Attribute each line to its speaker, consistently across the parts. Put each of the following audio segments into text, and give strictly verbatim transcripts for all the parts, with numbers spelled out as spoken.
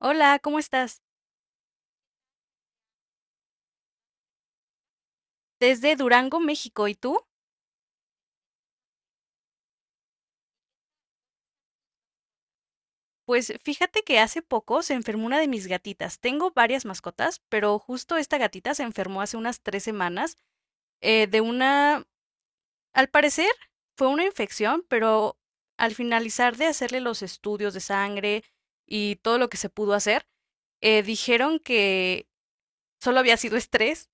Speaker 1: Hola, ¿cómo estás? Desde Durango, México. ¿Y tú? Pues fíjate que hace poco se enfermó una de mis gatitas. Tengo varias mascotas, pero justo esta gatita se enfermó hace unas tres semanas eh, de una, al parecer fue una infección, pero al finalizar de hacerle los estudios de sangre y todo lo que se pudo hacer, eh, dijeron que solo había sido estrés.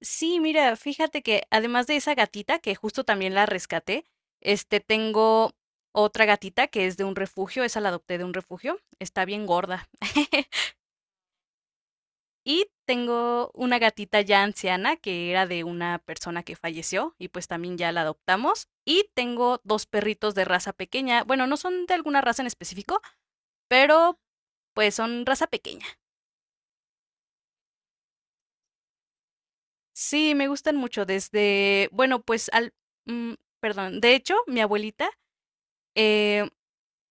Speaker 1: Sí, mira, fíjate que además de esa gatita, que justo también la rescaté, este, tengo otra gatita que es de un refugio, esa la adopté de un refugio, está bien gorda. Y tengo una gatita ya anciana que era de una persona que falleció y pues también ya la adoptamos. Y tengo dos perritos de raza pequeña, bueno, no son de alguna raza en específico, pero pues son raza pequeña. Sí, me gustan mucho desde, bueno, pues al, mm, perdón, de hecho, mi abuelita... Eh,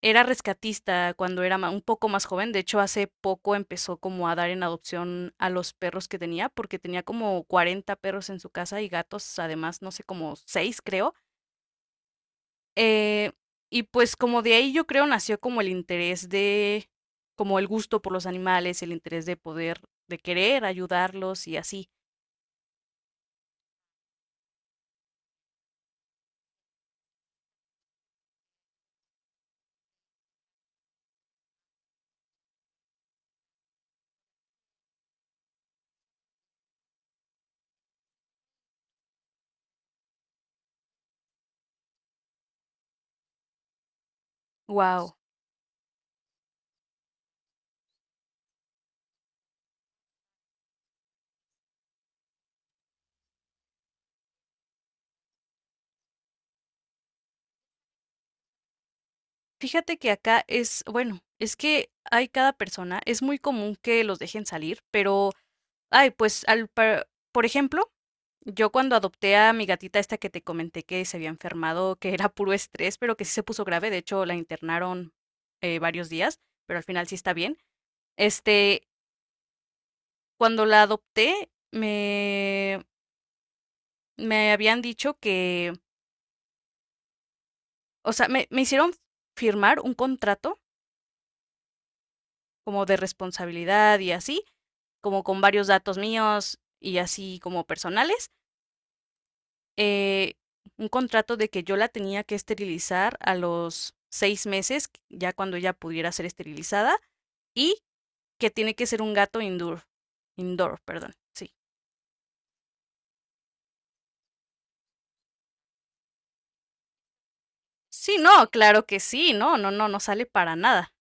Speaker 1: Era rescatista cuando era ma un poco más joven. De hecho, hace poco empezó como a dar en adopción a los perros que tenía, porque tenía como cuarenta perros en su casa y gatos, además, no sé, como seis, creo, eh, y pues, como de ahí yo creo nació como el interés de, como el gusto por los animales, el interés de poder, de querer ayudarlos y así. Wow. Fíjate que acá es bueno, es que hay cada persona, es muy común que los dejen salir, pero ay, pues, al par por ejemplo, yo cuando adopté a mi gatita esta que te comenté que se había enfermado, que era puro estrés, pero que sí se puso grave, de hecho, la internaron, eh, varios días, pero al final sí está bien. Este, Cuando la adopté, me me habían dicho que, o sea, me me hicieron firmar un contrato como de responsabilidad y así, como con varios datos míos y así como personales. eh, un contrato de que yo la tenía que esterilizar a los seis meses, ya cuando ella pudiera ser esterilizada, y que tiene que ser un gato indoor, indoor, perdón, sí. Sí, no, claro que sí, no, no, no, no sale para nada.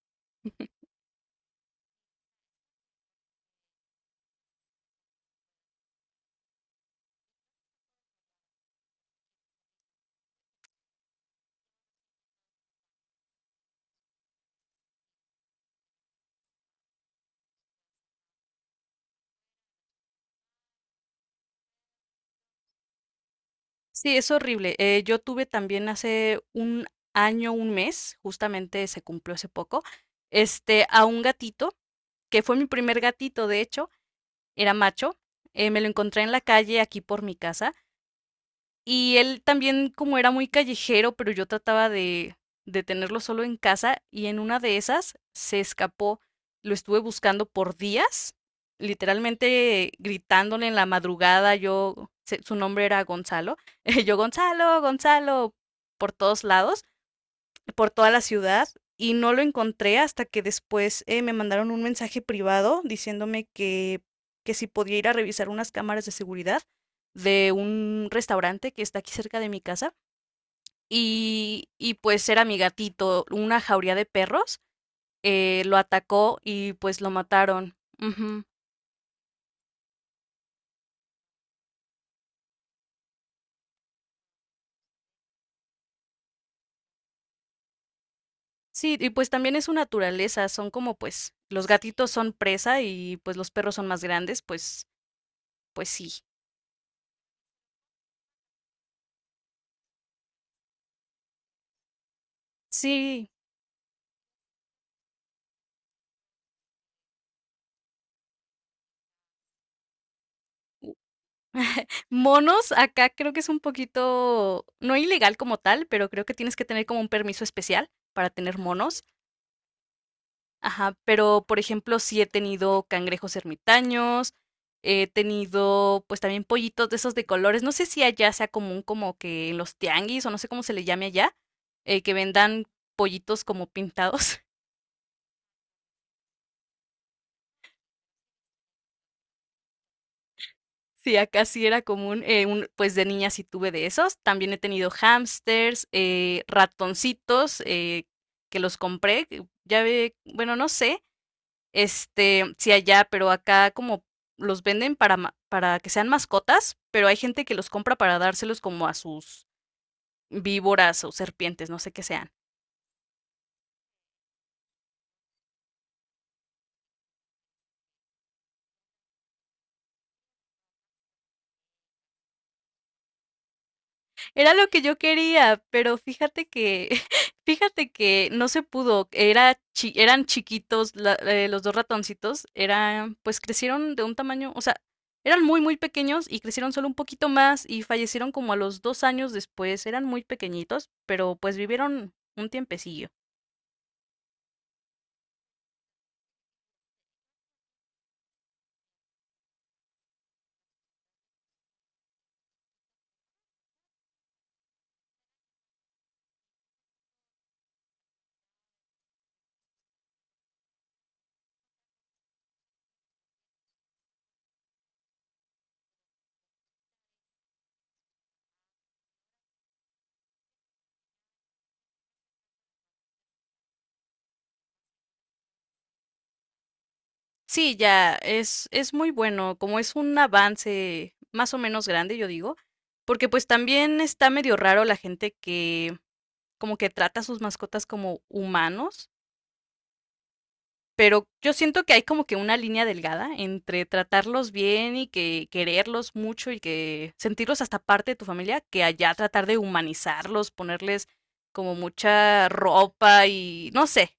Speaker 1: Sí, es horrible. Eh, yo tuve también hace un año, un mes, justamente se cumplió hace poco, este, a un gatito, que fue mi primer gatito, de hecho, era macho. Eh, me lo encontré en la calle aquí por mi casa, y él también, como era muy callejero, pero yo trataba de, de, tenerlo solo en casa y en una de esas se escapó. Lo estuve buscando por días, literalmente gritándole en la madrugada. Yo, se- su nombre era Gonzalo. Yo, Gonzalo, Gonzalo, por todos lados, por toda la ciudad, y no lo encontré hasta que después eh, me mandaron un mensaje privado diciéndome que, que si podía ir a revisar unas cámaras de seguridad de un restaurante que está aquí cerca de mi casa. Y, y pues era mi gatito, una jauría de perros, eh, lo atacó y pues lo mataron. Ujú. Sí, y pues también es su naturaleza, son como, pues los gatitos son presa y pues los perros son más grandes, pues pues sí. Sí, monos, acá creo que es un poquito, no ilegal como tal, pero creo que tienes que tener como un permiso especial para tener monos. Ajá, pero por ejemplo, sí he tenido cangrejos ermitaños, he tenido pues también pollitos de esos de colores. No sé si allá sea común, como que en los tianguis o no sé cómo se le llame allá, eh, que vendan pollitos como pintados. Sí, acá sí era común. Eh, un- pues de niña sí tuve de esos. También he tenido hámsters, eh, ratoncitos, eh, que los compré. Que ya ve, bueno, no sé, este, si allá, pero acá como los venden para, ma- para que sean mascotas, pero hay gente que los compra para dárselos como a sus víboras o serpientes, no sé qué sean. Era lo que yo quería, pero fíjate que, fíjate que no se pudo. Era chi- eran chiquitos, la- eh, los dos ratoncitos, eran, pues crecieron de un tamaño, o sea, eran muy, muy pequeños y crecieron solo un poquito más y fallecieron como a los dos años después. Eran muy pequeñitos, pero pues vivieron un tiempecillo. Sí, ya, es, es muy bueno, como es un avance más o menos grande, yo digo, porque pues también está medio raro la gente que como que trata a sus mascotas como humanos, pero yo siento que hay como que una línea delgada entre tratarlos bien y que quererlos mucho y que sentirlos hasta parte de tu familia, que allá tratar de humanizarlos, ponerles como mucha ropa y no sé.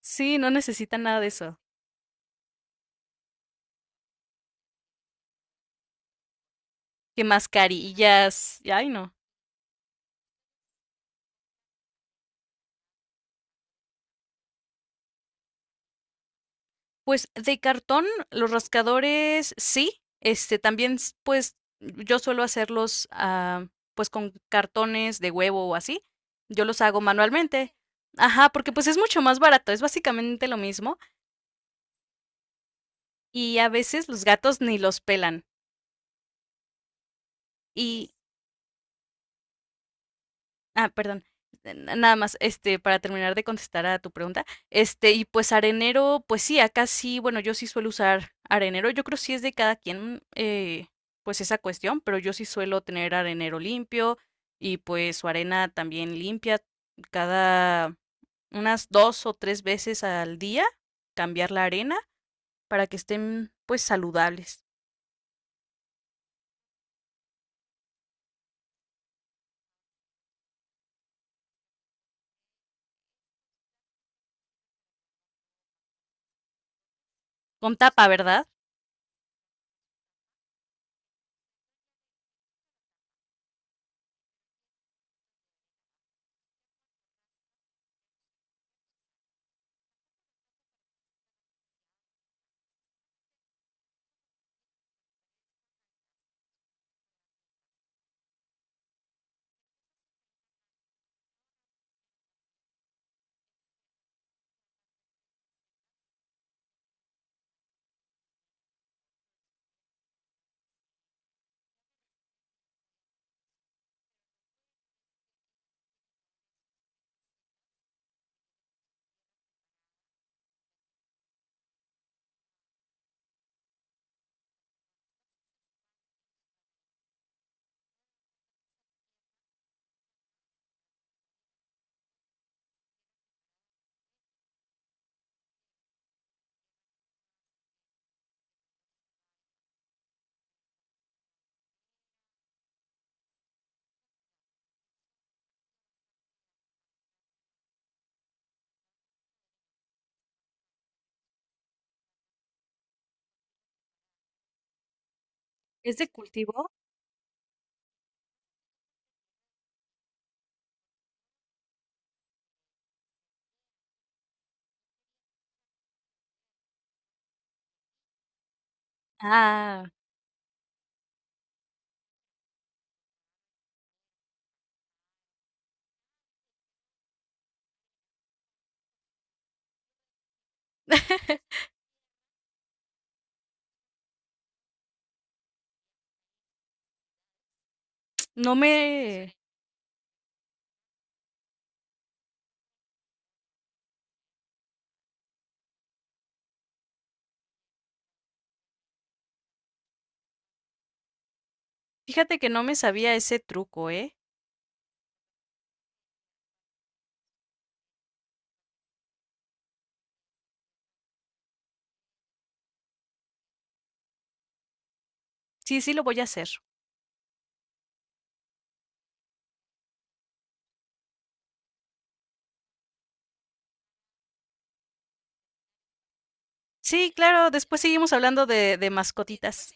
Speaker 1: Sí, no necesitan nada de eso. Que mascarillas, y ay no. Pues de cartón, los rascadores sí, este también, s- pues yo suelo hacerlos, ah, pues con cartones de huevo o así. Yo los hago manualmente. Ajá, porque pues es mucho más barato, es básicamente lo mismo y a veces los gatos ni los pelan. Y Ah, perdón. N- Nada más, este, para terminar de contestar a tu pregunta, este, y pues arenero, pues sí, acá sí, bueno, yo sí suelo usar arenero, yo creo sí es de cada quien, eh, pues esa cuestión, pero yo sí suelo tener arenero limpio y pues su arena también limpia cada unas dos o tres veces al día, cambiar la arena para que estén pues saludables. Con tapa, ¿verdad? ¿Es de cultivo? Ah, no me... Fíjate que no me sabía ese truco, ¿eh? Sí, sí lo voy a hacer. Sí, claro, después seguimos hablando de de mascotitas.